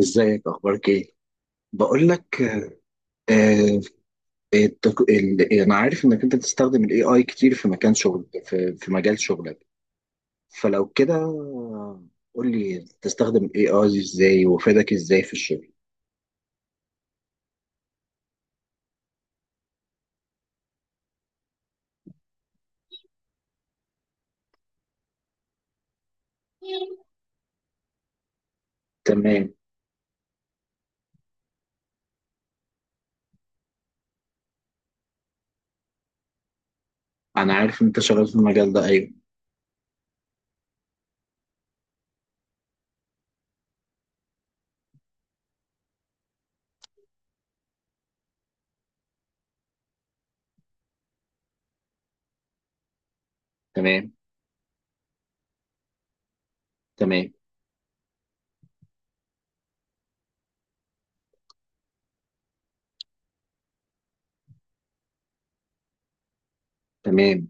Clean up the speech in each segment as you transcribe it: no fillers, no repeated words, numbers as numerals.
ازيك؟ اخبارك ايه؟ بقول لك آه، يعني انا عارف انك انت بتستخدم الاي اي كتير في مكان شغل، في مجال شغلك. فلو كده، قول لي تستخدم الاي اي ازاي وفادك ازاي في الشغل. تمام. انا عارف ان انت شغال في المجال ده، ايوه. تمام، تمام، تمام.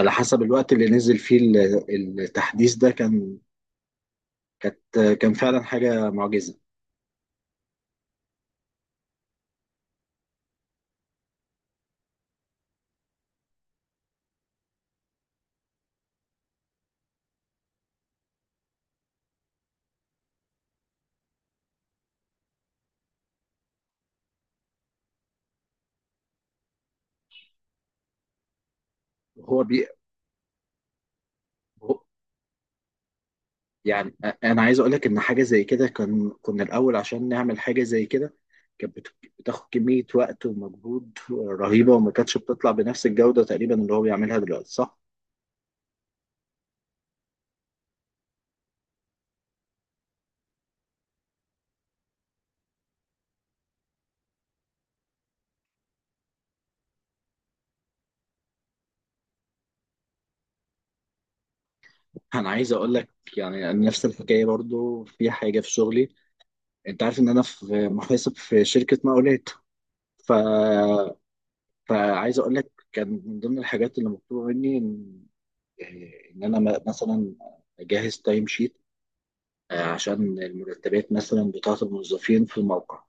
على حسب الوقت اللي نزل فيه التحديث ده، كانت كان فعلا حاجة معجزة. هو بي... يعني، انا عايز اقول لك ان حاجه زي كده، كنا الاول عشان نعمل حاجه زي كده، كانت بتاخد كميه وقت ومجهود رهيبه، وما كانتش بتطلع بنفس الجوده تقريبا اللي هو بيعملها دلوقتي، صح. انا عايز اقول لك، يعني نفس الحكايه برضو في حاجه في شغلي. انت عارف ان انا في محاسب في شركه مقاولات. ف فعايز اقول لك، كان من ضمن الحاجات اللي مطلوبه مني ان انا مثلا اجهز تايم شيت عشان المرتبات، مثلا، بتاعه الموظفين في الموقع.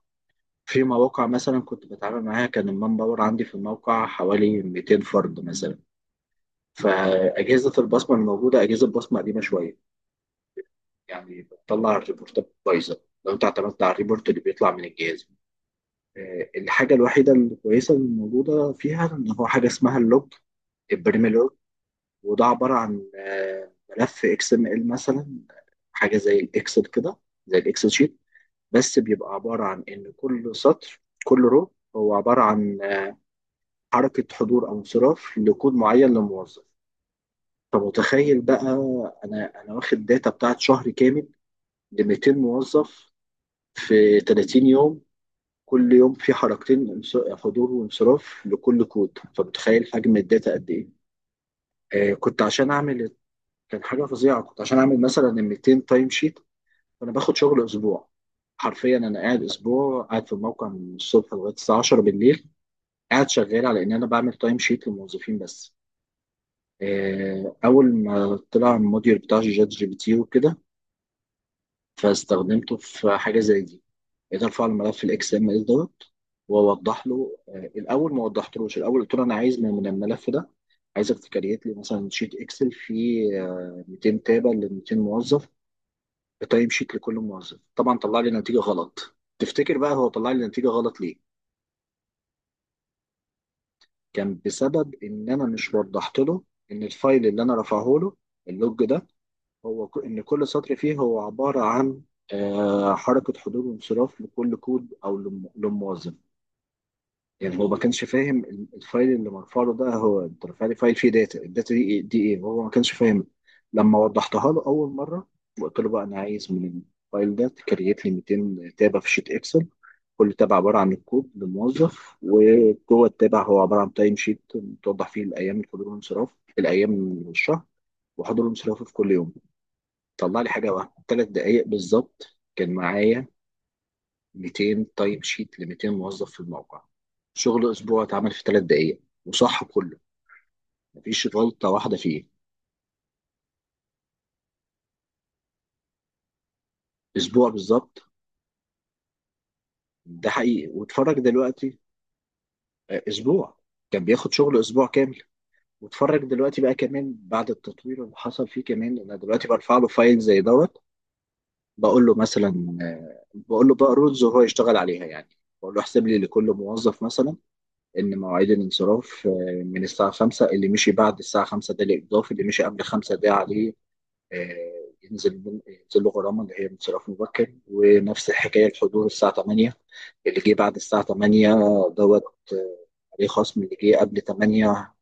في مواقع مثلا كنت بتعامل معاها، كان المان باور عندي في الموقع حوالي 200 فرد مثلا. فأجهزة البصمة الموجودة، أجهزة البصمة قديمة شوية، يعني بتطلع الريبورتات بايظة لو أنت اعتمدت على الريبورت اللي بيطلع من الجهاز. الحاجة الوحيدة الكويسة الموجودة فيها إن هو حاجة اسمها اللوج، البريمي لوج. وده عبارة عن ملف اكس ام ال مثلا، حاجة زي الإكسل كده، زي الإكسل شيت. بس بيبقى عبارة عن إن كل سطر، كل رو، هو عبارة عن حركة حضور أو انصراف لكود معين لموظف. طب متخيل بقى، أنا واخد داتا بتاعت شهر كامل ل 200 موظف في 30 يوم، كل يوم في حركتين، حضور وانصراف لكل كود. فمتخيل حجم الداتا قد إيه؟ آه كنت عشان أعمل كان حاجة فظيعة، كنت عشان أعمل مثلا 200 تايم شيت. فأنا باخد شغل أسبوع. حرفيا أنا قاعد أسبوع، قاعد في الموقع من الصبح لغاية الساعة 10 بالليل، قاعد شغال على إن أنا بعمل تايم شيت للموظفين بس. اول ما طلع الموديول بتاع شات جي بي تي وكده، فاستخدمته في حاجه زي دي. قدرت ارفع الملف الاكس ام اس دوت، واوضح له. الاول ما وضحتلوش، الاول قلت له انا عايز من الملف ده عايزك تكريت لي مثلا شيت اكسل فيه 200 تابه ل 200 موظف، بتايم شيت لكل موظف. طبعا طلع لي نتيجه غلط. تفتكر بقى هو طلع لي نتيجه غلط ليه؟ كان بسبب ان انا مش وضحت له ان الفايل اللي انا رفعه له، اللوج ده، هو إن كل سطر فيه هو عبارة عن حركة حضور وانصراف لكل كود أو لموظف. يعني هو ما كانش فاهم الفايل اللي مرفع له ده. هو أنت رافع لي فايل فيه داتا، الداتا دي إيه، دي إيه، هو ما كانش فاهم. لما وضحتها له أول مرة، وقلت له بقى أنا عايز من الفايل ده تكريت لي 200 تابة في شيت إكسل، كل تابع عبارة عن الكود للموظف، وجوه التابع هو عبارة عن تايم شيت توضح فيه الأيام، الحضور والانصراف، الأيام من الشهر، وحضور وانصرافه في كل يوم. طلع لي حاجه واحده، 3 دقائق بالظبط، كان معايا 200 تايم شيت ل 200 موظف في الموقع. شغل اسبوع اتعمل في 3 دقائق، وصح كله، مفيش غلطه واحده فيه. اسبوع بالظبط. ده حقيقي، واتفرج دلوقتي. اسبوع. كان بياخد شغل اسبوع كامل. واتفرج دلوقتي بقى، كمان بعد التطوير اللي حصل فيه كمان. انا دلوقتي برفع له فايل زي دوت، بقول له بقى رولز وهو يشتغل عليها يعني. بقول له احسب لي لكل موظف مثلا إن مواعيد الانصراف، من الساعة 5، اللي مشي بعد الساعة 5 ده الإضافي، اللي مشي قبل 5 ده عليه ينزل له غرامة، اللي هي انصراف مبكر. ونفس الحكاية الحضور الساعة 8، اللي جه بعد الساعة 8 دوت، آه، عليه خصم، اللي جه قبل 8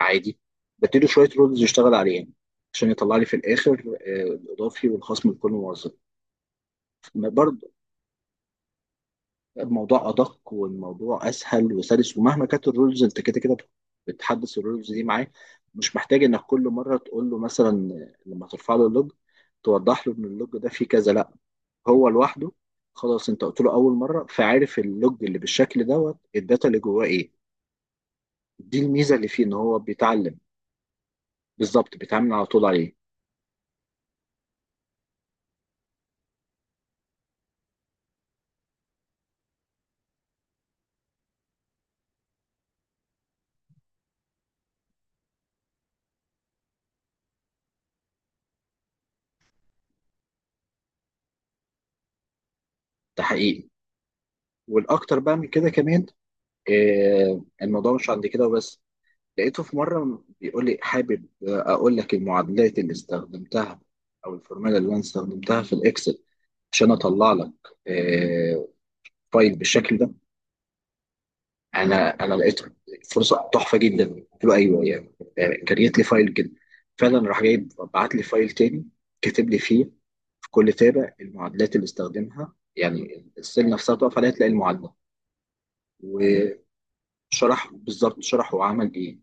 عادي. بديله شوية رولز يشتغل عليهم عشان يطلع لي في الآخر الإضافي والخصم لكل موظف. برضه الموضوع ادق، والموضوع اسهل وسلس، ومهما كانت الرولز انت كده كده بتحدث الرولز دي معاه. مش محتاج انك كل مره تقول له، مثلا لما ترفع له اللوج، توضح له ان اللوج ده فيه كذا. لا، هو لوحده. خلاص، انت قلت له اول مره، فعارف اللوج اللي بالشكل دوت، الداتا اللي جواه ايه. دي الميزه اللي فيه، ان هو بيتعلم. بالظبط، بيتعامل على طول عليه. ده حقيقي. والاكتر بقى من كده كمان، الموضوع مش عند كده وبس. لقيته في مرة بيقول لي حابب أقول لك المعادلات اللي استخدمتها، أو الفورمولا اللي أنا استخدمتها في الإكسل، عشان أطلع لك آه، فايل بالشكل ده. أنا أنا لقيت فرصة تحفة جدا. قلت له أيوه يعني، كان جات لي فايل كده. فعلا راح جايب، بعت لي فايل تاني، كاتب لي فيه في كل تابع المعادلات اللي استخدمها، يعني السيل نفسها تقف عليها تلاقي المعادلة وشرح. بالظبط، شرح وعمل إيه.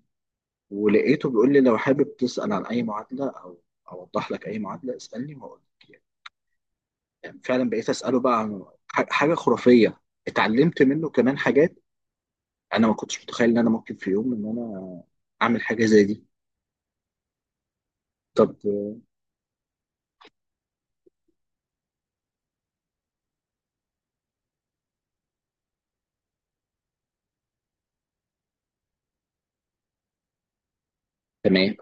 ولقيته بيقول لي، لو حابب تسأل عن أي معادلة أو أوضح لك أي معادلة، اسألني وأقول لك يعني. يعني فعلا بقيت أسأله بقى عن حاجة خرافية. اتعلمت منه كمان حاجات. أنا ما كنتش متخيل إن أنا ممكن في يوم إن أنا أعمل حاجة زي دي. طب، تمام.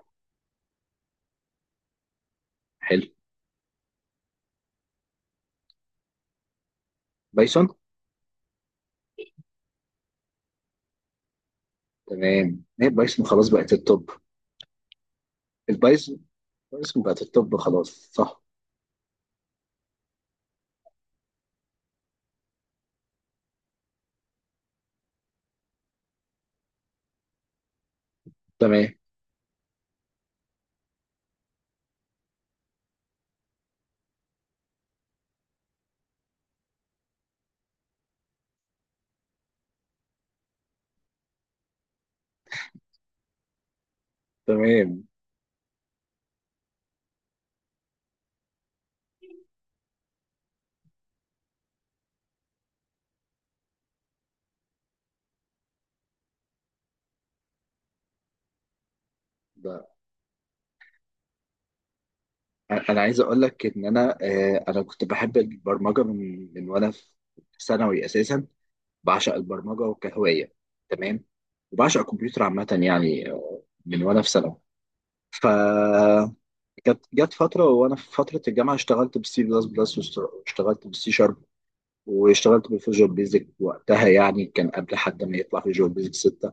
حلو. بايثون. تمام، هي بايثون خلاص بقت التوب. البايثون، بايثون بقت التوب خلاص، صح. تمام. تمام. ده أنا عايز أقول لك إن أنا، أنا كنت بحب البرمجة من وأنا في ثانوي أساسا. بعشق البرمجه كهوايه. تمام. وبعشق الكمبيوتر عامه يعني، من وانا في ثانوي. ف جت فتره وانا في فتره الجامعه، اشتغلت بالسي بلس بلس، واشتغلت بالسي شارب، واشتغلت بالفيجوال بيزك وقتها، يعني كان قبل حد ما يطلع فيجوال بيزك 6.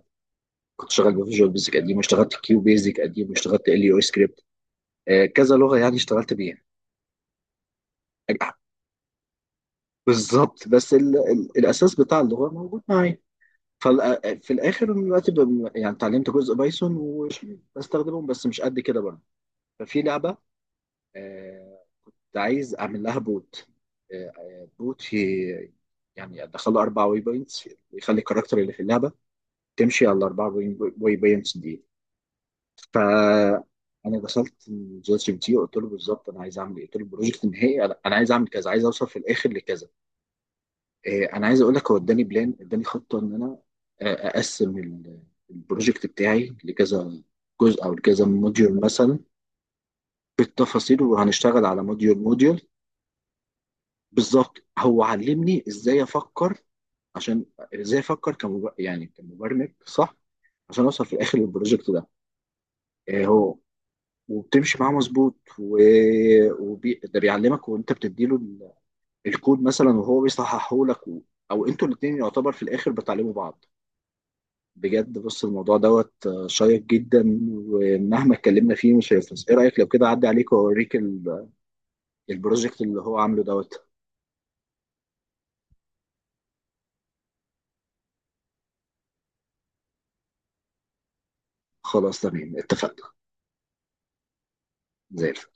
كنت شغال بفيجوال بيزك قديم، واشتغلت كيو بيزك قديم، واشتغلت ال يو سكريبت، كذا لغه يعني اشتغلت بيها. بالظبط، بس ال ال الاساس بتاع اللغه موجود معايا. ففي الاخر، أنا دلوقتي يعني اتعلمت جزء بايثون وبستخدمهم، بس مش قد كده بقى. ففي لعبه، آه، كنت عايز اعمل لها بوت. آه، آه، بوت في يعني ادخل له 4 واي بوينتس يخلي الكاركتر اللي في اللعبه تمشي على الاربع واي بوينتس دي. ف انا دخلت جي بي تي وقلت له بالظبط انا عايز اعمل ايه. قلت له البروجكت النهائي، أنا عايز اعمل كذا، عايز اوصل في الاخر لكذا. انا عايز اقول لك، هو اداني بلان، اداني خطه ان انا اقسم البروجكت بتاعي لكذا جزء او لكذا موديول مثلا. بالتفاصيل، وهنشتغل على موديول موديول. بالظبط، هو علمني ازاي افكر، عشان ازاي افكر يعني كمبرمج، صح. عشان اوصل في الاخر للبروجكت ده. آه، هو وبتمشي معاه مظبوط. ده بيعلمك، وانت بتديله الكود مثلا، وهو بيصححه لك، او انتوا الاثنين يعتبر في الاخر بتعلموا بعض. بجد، بص، الموضوع دوت شيق جدا، ومهما اتكلمنا فيه مش هيخلص. ايه رأيك لو كده اعدي عليك واوريك البروجكت اللي هو عامله دوت. خلاص، تمام، اتفقنا. زي الفل.